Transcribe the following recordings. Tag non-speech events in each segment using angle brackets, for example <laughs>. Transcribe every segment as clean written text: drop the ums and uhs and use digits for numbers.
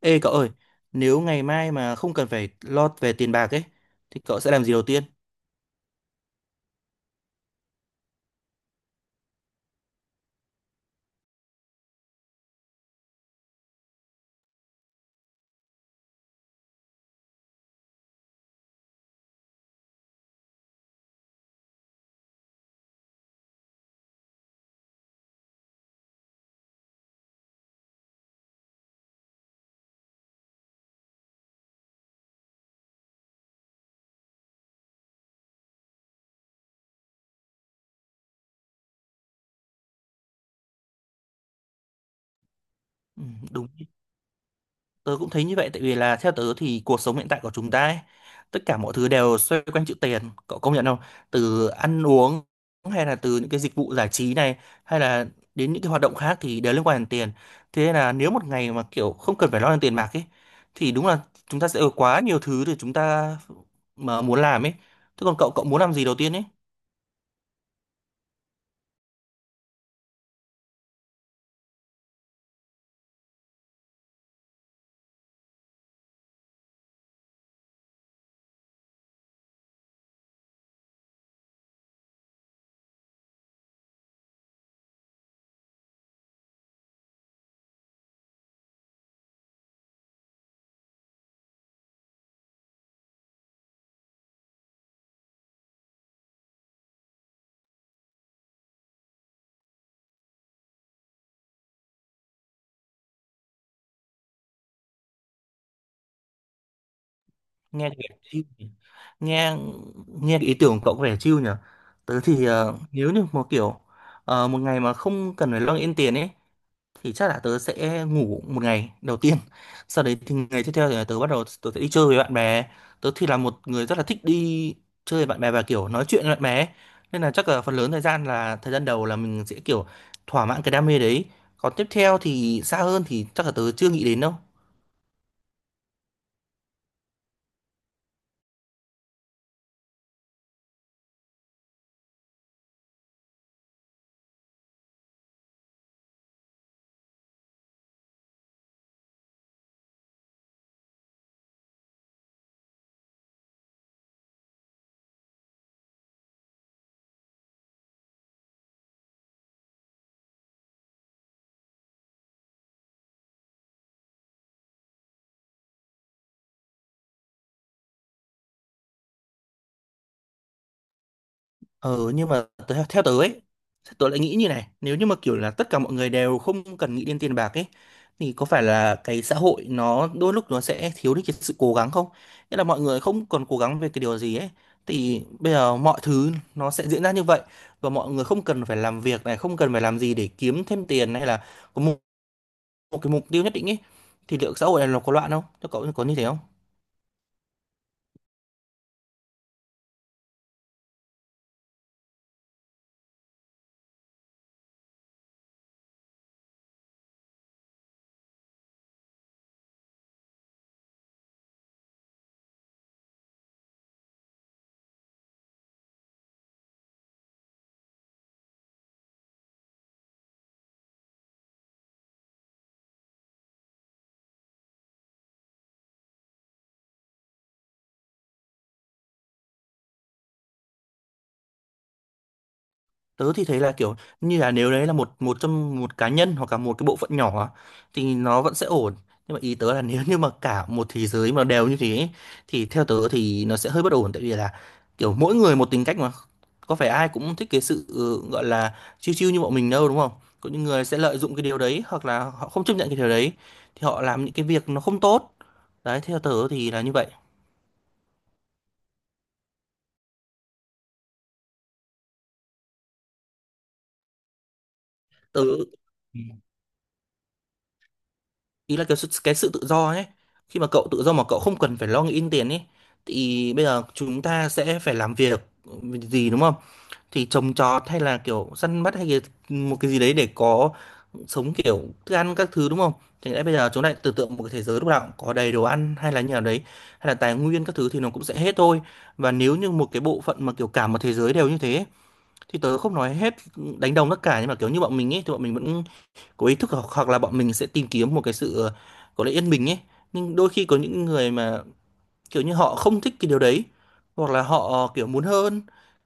Ê cậu ơi, nếu ngày mai mà không cần phải lo về tiền bạc ấy, thì cậu sẽ làm gì đầu tiên? Ừ, đúng, tớ cũng thấy như vậy, tại vì là theo tớ thì cuộc sống hiện tại của chúng ta ấy, tất cả mọi thứ đều xoay quanh chữ tiền, cậu công nhận không? Từ ăn uống hay là từ những cái dịch vụ giải trí này, hay là đến những cái hoạt động khác thì đều liên quan đến tiền. Thế nên là nếu một ngày mà kiểu không cần phải lo đến tiền bạc ấy, thì đúng là chúng ta sẽ có quá nhiều thứ để chúng ta mà muốn làm ấy. Thế còn cậu, cậu muốn làm gì đầu tiên ấy? Nghe kìa, chill nhỉ. Nghe Nghe cái ý tưởng của cậu có vẻ chill nhỉ. Tớ thì nếu như một kiểu một ngày mà không cần phải lo nghĩ đến tiền ấy thì chắc là tớ sẽ ngủ một ngày đầu tiên, sau đấy thì ngày tiếp theo thì tớ bắt đầu tớ sẽ đi chơi với bạn bè. Tớ thì là một người rất là thích đi chơi với bạn bè và kiểu nói chuyện với bạn bè ấy. Nên là chắc là phần lớn thời gian là thời gian đầu là mình sẽ kiểu thỏa mãn cái đam mê đấy, còn tiếp theo thì xa hơn thì chắc là tớ chưa nghĩ đến đâu. Theo tớ ấy, tớ lại nghĩ như này, nếu như mà kiểu là tất cả mọi người đều không cần nghĩ đến tiền bạc ấy, thì có phải là cái xã hội nó đôi lúc nó sẽ thiếu đi cái sự cố gắng không? Nghĩa là mọi người không còn cố gắng về cái điều gì ấy, thì bây giờ mọi thứ nó sẽ diễn ra như vậy và mọi người không cần phải làm việc này, không cần phải làm gì để kiếm thêm tiền hay là có một cái mục tiêu nhất định ấy, thì liệu xã hội này nó có loạn không? Thế cậu có như thế không? Tớ thì thấy là kiểu như là nếu đấy là một một trong một cá nhân hoặc là một cái bộ phận nhỏ á, thì nó vẫn sẽ ổn, nhưng mà ý tớ là nếu như mà cả một thế giới mà đều như thế ấy, thì theo tớ thì nó sẽ hơi bất ổn, tại vì là kiểu mỗi người một tính cách mà, có phải ai cũng thích cái sự ừ, gọi là chill chill như bọn mình đâu, đúng không? Có những người sẽ lợi dụng cái điều đấy hoặc là họ không chấp nhận cái điều đấy thì họ làm những cái việc nó không tốt. Đấy, theo tớ thì là như vậy. Tớ ý là cái sự tự do ấy, khi mà cậu tự do mà cậu không cần phải lo nghĩ đến tiền ấy thì bây giờ chúng ta sẽ phải làm việc gì đúng không, thì trồng trọt hay là kiểu săn bắt một cái gì đấy để có sống kiểu thức ăn các thứ đúng không. Thì lẽ bây giờ chúng ta lại tưởng tượng một cái thế giới lúc nào cũng có đầy đồ ăn hay là như nào đấy, hay là tài nguyên các thứ thì nó cũng sẽ hết thôi. Và nếu như một cái bộ phận mà kiểu cả một thế giới đều như thế ấy, thì tớ không nói hết đánh đồng tất cả, nhưng mà kiểu như bọn mình ấy thì bọn mình vẫn có ý thức hoặc là bọn mình sẽ tìm kiếm một cái sự có lẽ yên bình ấy. Nhưng đôi khi có những người mà kiểu như họ không thích cái điều đấy, hoặc là họ kiểu muốn hơn,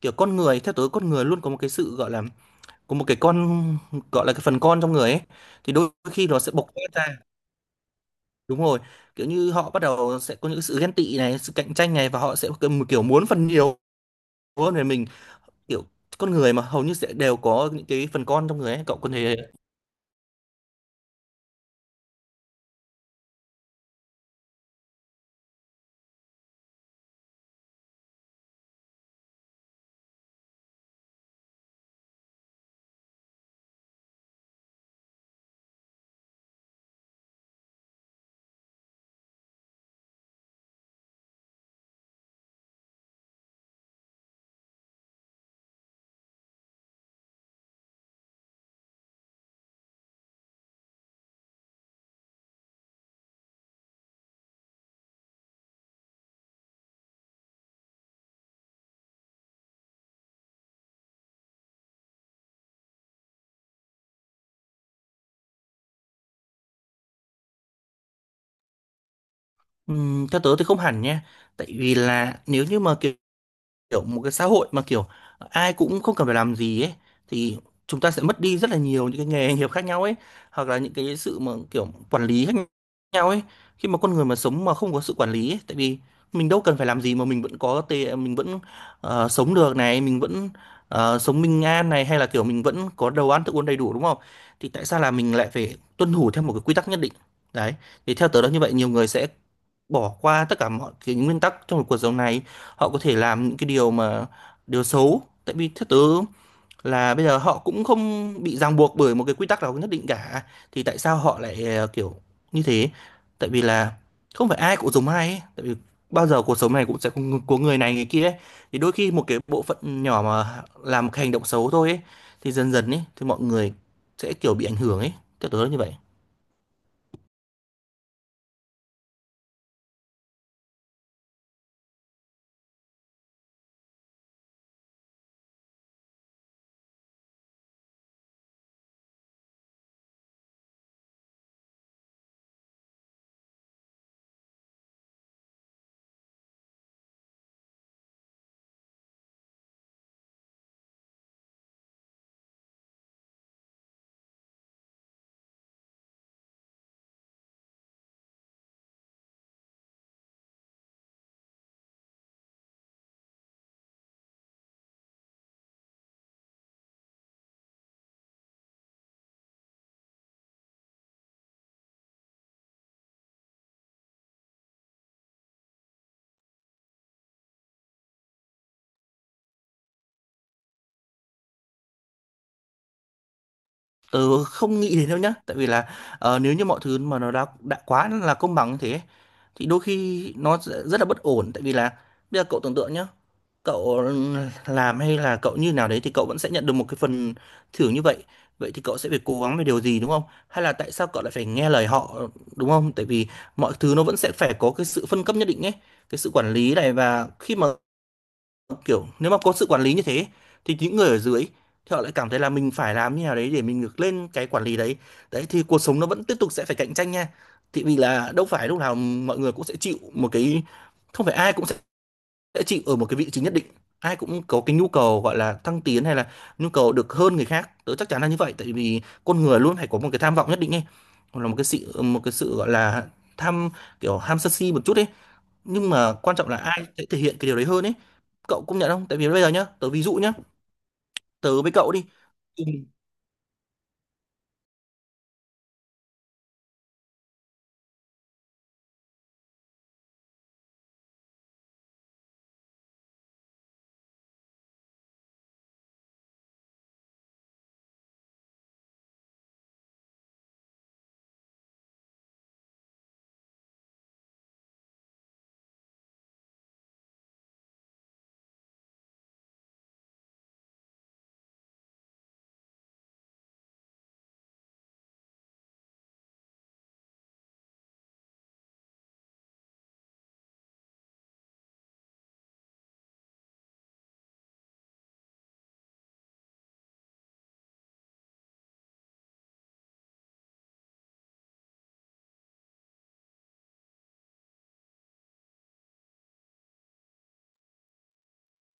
kiểu con người, theo tớ con người luôn có một cái sự gọi là có một cái con, gọi là cái phần con trong người ấy, thì đôi khi nó sẽ bộc phát ra. Đúng rồi, kiểu như họ bắt đầu sẽ có những sự ghen tị này, sự cạnh tranh này, và họ sẽ kiểu kiểu muốn phần nhiều hơn về mình, kiểu con người mà hầu như sẽ đều có những cái phần con trong người ấy, cậu có thể. Theo tớ thì không hẳn nha, tại vì là nếu như mà kiểu một cái xã hội mà kiểu ai cũng không cần phải làm gì ấy, thì chúng ta sẽ mất đi rất là nhiều những cái nghề nghiệp khác nhau ấy, hoặc là những cái sự mà kiểu quản lý khác nhau ấy. Khi mà con người mà sống mà không có sự quản lý ấy, tại vì mình đâu cần phải làm gì mà mình vẫn sống được này, mình vẫn sống bình an này, hay là kiểu mình vẫn có đồ ăn thức uống đầy đủ đúng không, thì tại sao là mình lại phải tuân thủ theo một cái quy tắc nhất định đấy. Thì theo tớ là như vậy, nhiều người sẽ bỏ qua tất cả mọi cái nguyên tắc trong cuộc sống này, họ có thể làm những cái điều xấu, tại vì theo tớ là bây giờ họ cũng không bị ràng buộc bởi một cái quy tắc nào nhất định cả, thì tại sao họ lại kiểu như thế. Tại vì là không phải ai cũng giống ai ấy, tại vì bao giờ cuộc sống này cũng sẽ có có người này người kia ấy. Thì đôi khi một cái bộ phận nhỏ mà làm một cái hành động xấu thôi ấy, thì dần dần ấy thì mọi người sẽ kiểu bị ảnh hưởng ấy, theo tớ là như vậy. Ừ, không nghĩ đến đâu nhá, tại vì là nếu như mọi thứ mà nó đã quá là công bằng như thế thì đôi khi nó sẽ rất là bất ổn, tại vì là bây giờ cậu tưởng tượng nhá, cậu làm hay là cậu như nào đấy thì cậu vẫn sẽ nhận được một cái phần thưởng như vậy, vậy thì cậu sẽ phải cố gắng về điều gì đúng không, hay là tại sao cậu lại phải nghe lời họ đúng không. Tại vì mọi thứ nó vẫn sẽ phải có cái sự phân cấp nhất định ấy, cái sự quản lý này, và khi mà kiểu nếu mà có sự quản lý như thế thì những người ở dưới thì họ lại cảm thấy là mình phải làm như nào đấy để mình ngược lên cái quản lý đấy. Đấy thì cuộc sống nó vẫn tiếp tục sẽ phải cạnh tranh nha, thì vì là đâu phải lúc nào mọi người cũng sẽ chịu một cái, không phải ai cũng sẽ chịu ở một cái vị trí nhất định. Ai cũng có cái nhu cầu gọi là thăng tiến hay là nhu cầu được hơn người khác, tớ chắc chắn là như vậy, tại vì con người luôn phải có một cái tham vọng nhất định ấy, hoặc là một cái sự gọi là tham, kiểu ham sân si một chút ấy, nhưng mà quan trọng là ai sẽ thể hiện cái điều đấy hơn ấy. Cậu công nhận không? Tại vì bây giờ nhá, tớ ví dụ nhá, tớ với cậu đi. Ừ.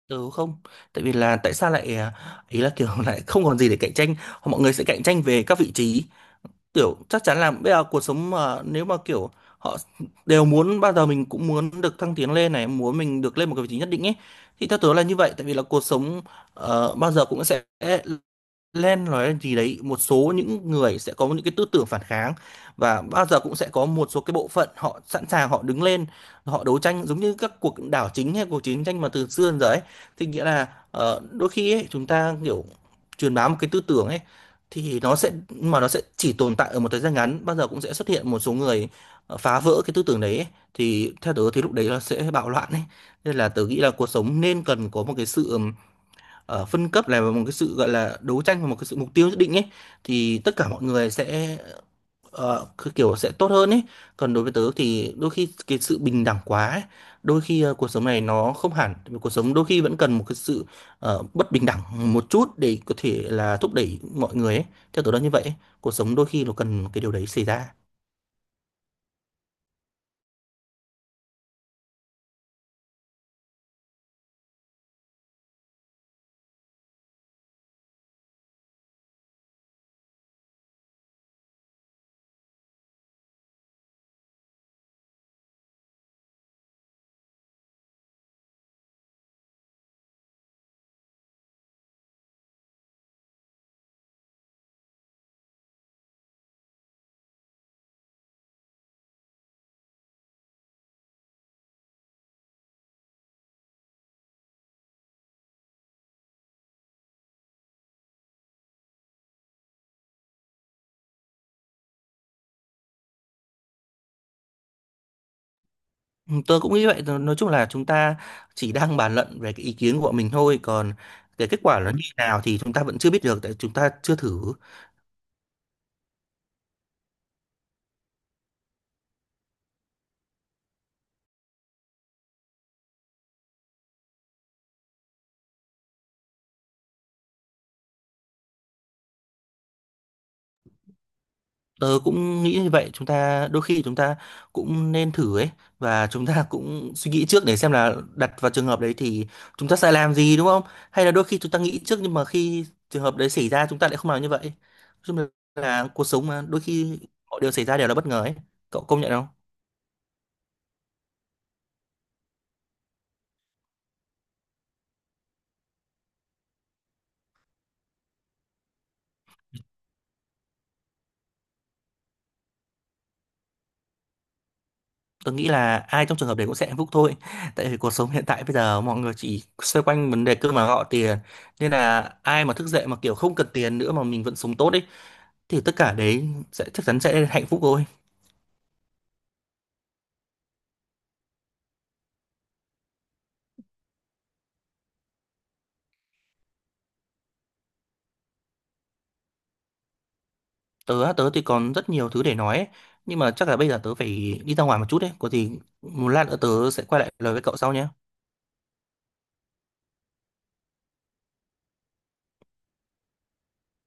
Tớ không, tại vì là tại sao lại ý là kiểu <laughs> lại không còn gì để cạnh tranh. Mọi người sẽ cạnh tranh về các vị trí, kiểu chắc chắn là bây giờ cuộc sống mà nếu mà kiểu họ đều muốn, bao giờ mình cũng muốn được thăng tiến lên này, muốn mình được lên một cái vị trí nhất định ấy. Thì theo tớ là như vậy, tại vì là cuộc sống bao giờ cũng sẽ lên nói gì đấy, một số những người sẽ có những cái tư tưởng phản kháng, và bao giờ cũng sẽ có một số cái bộ phận họ sẵn sàng họ đứng lên, họ đấu tranh giống như các cuộc đảo chính hay cuộc chiến tranh mà từ xưa đến giờ ấy. Thì nghĩa là đôi khi ấy, chúng ta kiểu truyền bá một cái tư tưởng ấy, thì nó sẽ chỉ tồn tại ở một thời gian ngắn, bao giờ cũng sẽ xuất hiện một số người phá vỡ cái tư tưởng đấy ấy. Thì theo tớ thì lúc đấy nó sẽ bạo loạn ấy. Nên là tớ nghĩ là cuộc sống nên cần có một cái sự ở phân cấp, là một cái sự gọi là đấu tranh và một cái sự mục tiêu nhất định ấy, thì tất cả mọi người sẽ cứ kiểu sẽ tốt hơn ấy. Còn đối với tớ thì đôi khi cái sự bình đẳng quá ấy, đôi khi cuộc sống này nó không hẳn, cuộc sống đôi khi vẫn cần một cái sự bất bình đẳng một chút để có thể là thúc đẩy mọi người ấy, theo tớ là như vậy ấy. Cuộc sống đôi khi nó cần cái điều đấy xảy ra. Ừ, tớ cũng nghĩ vậy, nói chung là chúng ta chỉ đang bàn luận về cái ý kiến của bọn mình thôi, còn cái kết quả nó như thế nào thì chúng ta vẫn chưa biết được tại chúng ta chưa thử. Tớ cũng nghĩ như vậy, chúng ta cũng nên thử ấy, và chúng ta <laughs> cũng suy nghĩ trước để xem là đặt vào trường hợp đấy thì chúng ta sẽ làm gì đúng không? Hay là đôi khi chúng ta nghĩ trước nhưng mà khi trường hợp đấy xảy ra chúng ta lại không làm như vậy. Nói chung là cuộc sống mà đôi khi mọi điều xảy ra đều là bất ngờ ấy. Cậu công nhận không? Tớ nghĩ là ai trong trường hợp đấy cũng sẽ hạnh phúc thôi. <laughs> Tại vì cuộc sống hiện tại bây giờ mọi người chỉ xoay quanh vấn đề cơm áo gạo tiền, nên là ai mà thức dậy mà kiểu không cần tiền nữa mà mình vẫn sống tốt ấy, thì tất cả đấy sẽ chắc chắn sẽ hạnh phúc thôi. Tớ á, tớ thì còn rất nhiều thứ để nói ấy, nhưng mà chắc là bây giờ tớ phải đi ra ngoài một chút đấy, có gì một lát nữa tớ sẽ quay lại lời với cậu sau nhé.